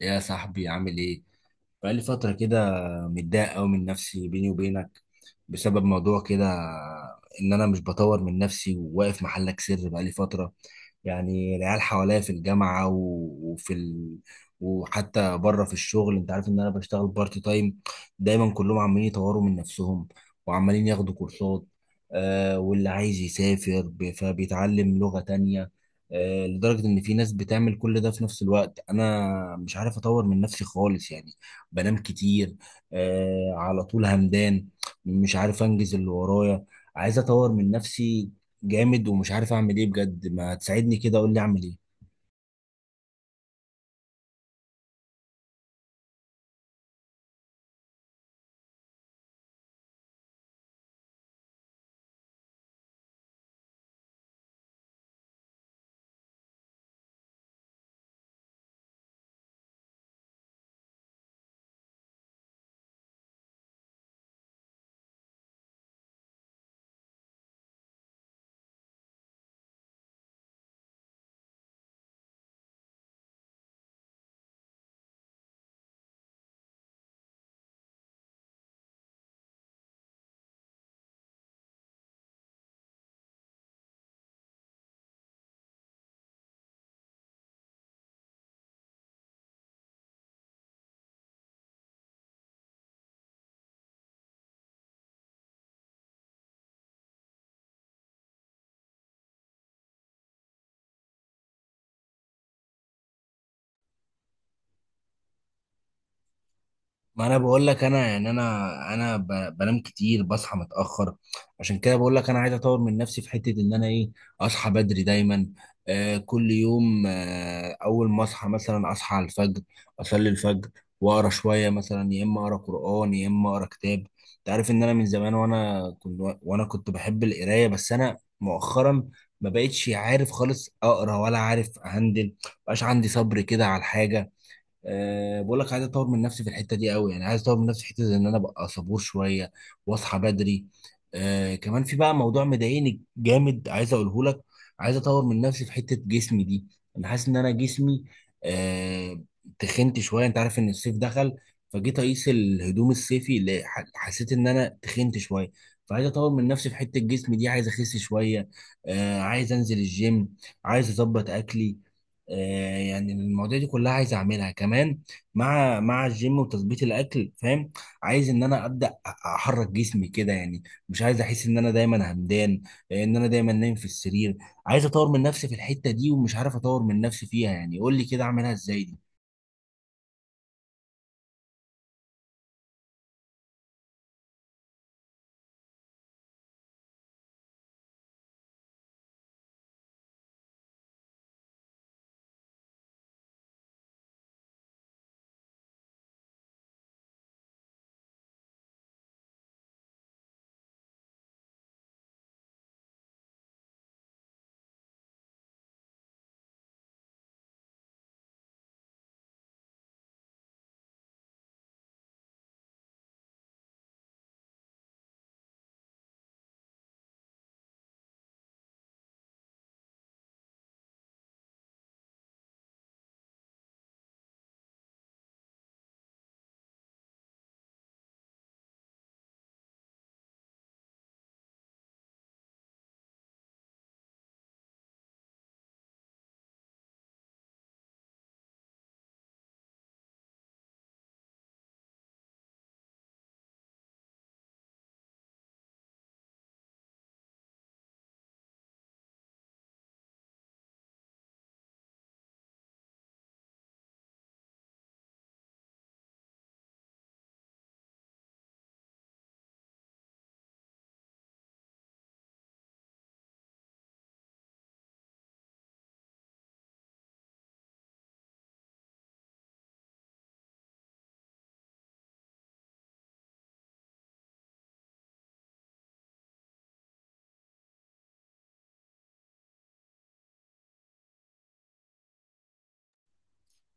يا صاحبي عامل ايه؟ بقالي فترة كده، متضايق أوي من نفسي بيني وبينك بسبب موضوع كده. إن أنا مش بطور من نفسي وواقف محلك سر بقالي فترة. يعني العيال حواليا في الجامعة وفي وحتى بره في الشغل. أنت عارف إن أنا بشتغل بارت تايم. دايما كلهم عمالين يطوروا من نفسهم وعمالين ياخدوا كورسات. آه، واللي عايز يسافر فبيتعلم لغة تانية. آه، لدرجة إن في ناس بتعمل كل ده في نفس الوقت. أنا مش عارف أطور من نفسي خالص يعني. بنام كتير، آه، على طول همدان. مش عارف انجز اللي ورايا. عايز اطور من نفسي جامد، ومش عارف اعمل ايه بجد. ما تساعدني كده، قول لي اعمل ايه. ما انا بقول لك، انا يعني انا بنام كتير، بصحى متاخر. عشان كده بقول لك انا عايز اطور من نفسي في حته ان انا ايه. اصحى بدري دايما، آه، كل يوم. آه، اول ما اصحى مثلا اصحى على الفجر، اصلي الفجر واقرا شويه، مثلا يا اما اقرا قران يا اما اقرا كتاب. انت عارف ان انا من زمان، وانا كنت بحب القرايه، بس انا مؤخرا ما بقتش عارف خالص اقرا ولا عارف اهندل. مبقاش عندي صبر كده على الحاجه. أه، بقول لك عايز اطور من نفسي في الحته دي قوي. يعني عايز اطور من نفسي في حته ان انا ابقى صبور شويه واصحى بدري. أه، كمان في بقى موضوع مضايقني جامد عايز اقوله لك. عايز اطور من نفسي في حته جسمي دي. انا حاسس ان انا جسمي، أه، تخنت شويه. انت عارف ان الصيف دخل، فجيت اقيس الهدوم الصيفي، اللي حسيت ان انا تخنت شويه. فعايز اطور من نفسي في حته جسمي دي، عايز اخس شويه. أه، عايز انزل الجيم، عايز اظبط اكلي. آه، يعني المواضيع دي كلها عايز اعملها كمان. مع الجيم وتظبيط الاكل، فاهم؟ عايز ان انا ابدا احرك جسمي كده يعني. مش عايز احس ان انا دايما همدان، آه، ان انا دايما نايم في السرير. عايز اطور من نفسي في الحتة دي، ومش عارف اطور من نفسي فيها يعني. قول لي كده اعملها ازاي دي.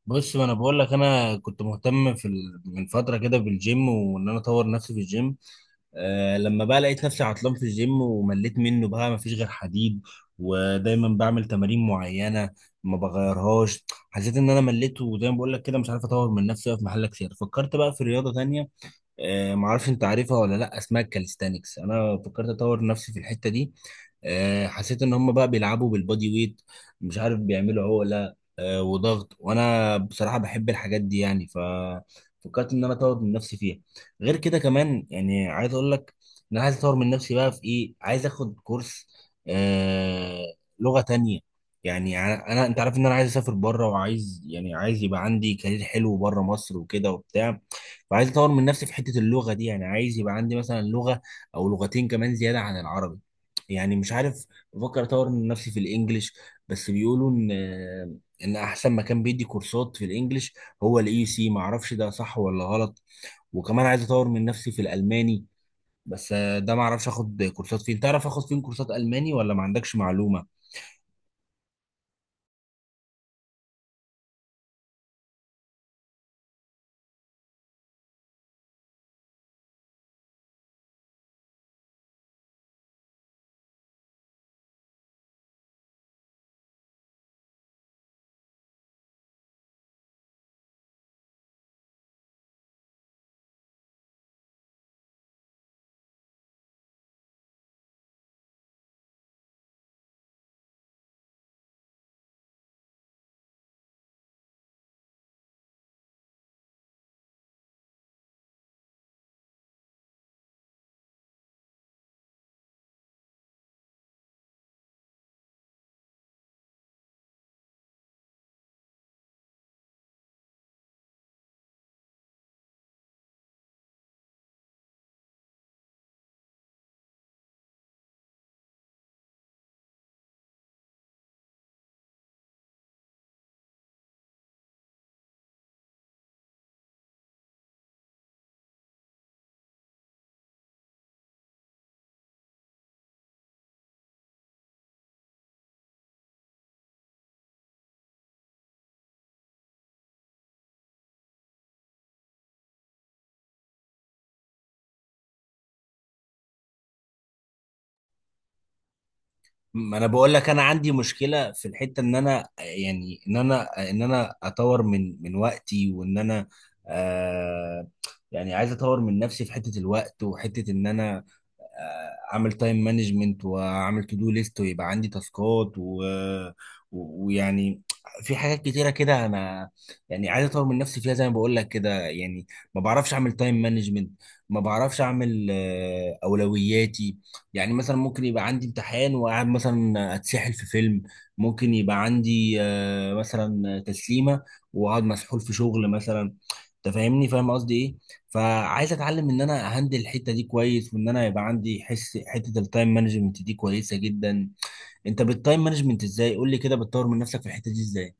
بص، ما انا بقول لك انا كنت مهتم من فتره كده بالجيم، وان انا اطور نفسي في الجيم. آه، لما بقى لقيت نفسي عطلان في الجيم ومليت منه، بقى ما فيش غير حديد ودايما بعمل تمارين معينه ما بغيرهاش. حسيت ان انا مليت، وزي ما بقول لك كده مش عارف اطور من نفسي أوي في محل كتير. فكرت بقى في رياضه تانية. آه، معرفش انت عارفها ولا لا، اسمها الكاليستانكس. انا فكرت اطور نفسي في الحته دي. آه، حسيت ان هم بقى بيلعبوا بالبادي ويت، مش عارف بيعملوا عقله، آه، وضغط. وانا بصراحه بحب الحاجات دي يعني، ففكرت ان انا اطور من نفسي فيها. غير كده كمان يعني عايز اقول لك ان انا عايز اطور من نفسي بقى في ايه، عايز اخد كورس، آه، لغه تانية. يعني انا انت عارف ان انا عايز اسافر بره، وعايز يعني عايز يبقى عندي كارير حلو بره مصر وكده وبتاع. فعايز اطور من نفسي في حته اللغه دي. يعني عايز يبقى عندي مثلا لغه او لغتين كمان زياده عن العربي. يعني مش عارف، بفكر اطور من نفسي في الانجليش. بس بيقولوا ان احسن مكان بيدي كورسات في الانجليش هو الاي سي، ما اعرفش ده صح ولا غلط. وكمان عايز اطور من نفسي في الالماني، بس ده ما اعرفش اخد كورسات فين. تعرف اخد فين كورسات الماني ولا ما عندكش معلومه؟ ما انا بقول لك انا عندي مشكله في الحته ان انا، يعني ان انا اطور من وقتي، وان انا، آه، يعني عايز اطور من نفسي في حته الوقت وحته ان انا، آه، اعمل تايم مانجمنت واعمل تو دو ليست ويبقى عندي تاسكات ويعني في حاجات كتيره كده انا، يعني عايز اطور من نفسي فيها زي ما بقول لك كده يعني. ما بعرفش اعمل تايم مانجمنت، ما بعرفش اعمل، آه، اولوياتي. يعني مثلا ممكن يبقى عندي امتحان وقاعد مثلا اتسحل في فيلم. ممكن يبقى عندي، آه، مثلا تسليمه واقعد مسحول في شغل مثلا. انت فاهمني، فاهم قصدي ايه. فعايز اتعلم ان انا اهندل الحته دي كويس، وان انا يبقى عندي حس حته التايم مانجمنت دي كويسه جدا. انت بالتايم مانجمنت ازاي؟ قول لي كده، بتطور من نفسك في الحته دي ازاي؟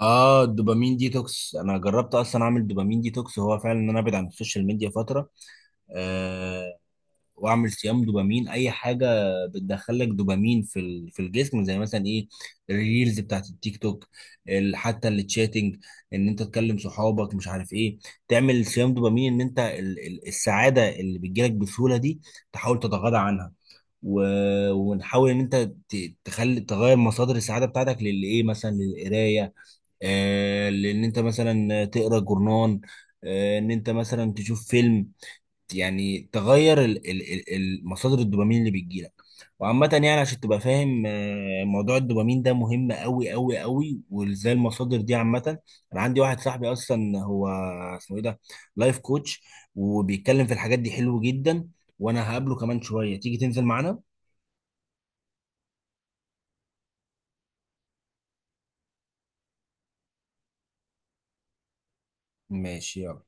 اه، الدوبامين ديتوكس، انا جربت اصلا اعمل دوبامين ديتوكس. هو فعلا ان انا ابعد عن السوشيال ميديا فتره، واعمل صيام دوبامين اي حاجه بتدخلك دوبامين في في الجسم. زي مثلا ايه، الريلز بتاعت التيك توك، حتى التشاتنج ان انت تكلم صحابك مش عارف ايه. تعمل صيام دوبامين، ان انت السعاده اللي بتجيلك بسهوله دي تحاول تتغاضى عنها. ونحاول ان انت تخلي تغير مصادر السعاده بتاعتك للي ايه، مثلا للقرايه. آه، لان انت مثلا تقرا جورنان، آه، ان انت مثلا تشوف فيلم. يعني تغير مصادر الدوبامين اللي بتجيلك. وعامة يعني عشان تبقى فاهم، آه، موضوع الدوبامين ده مهم قوي قوي قوي، وازاي المصادر دي عامة. انا عندي واحد صاحبي اصلا، هو اسمه ايه ده، لايف كوتش، وبيتكلم في الحاجات دي حلو جدا. وانا هقابله كمان شوية، تيجي تنزل معانا؟ ماشي، يلا.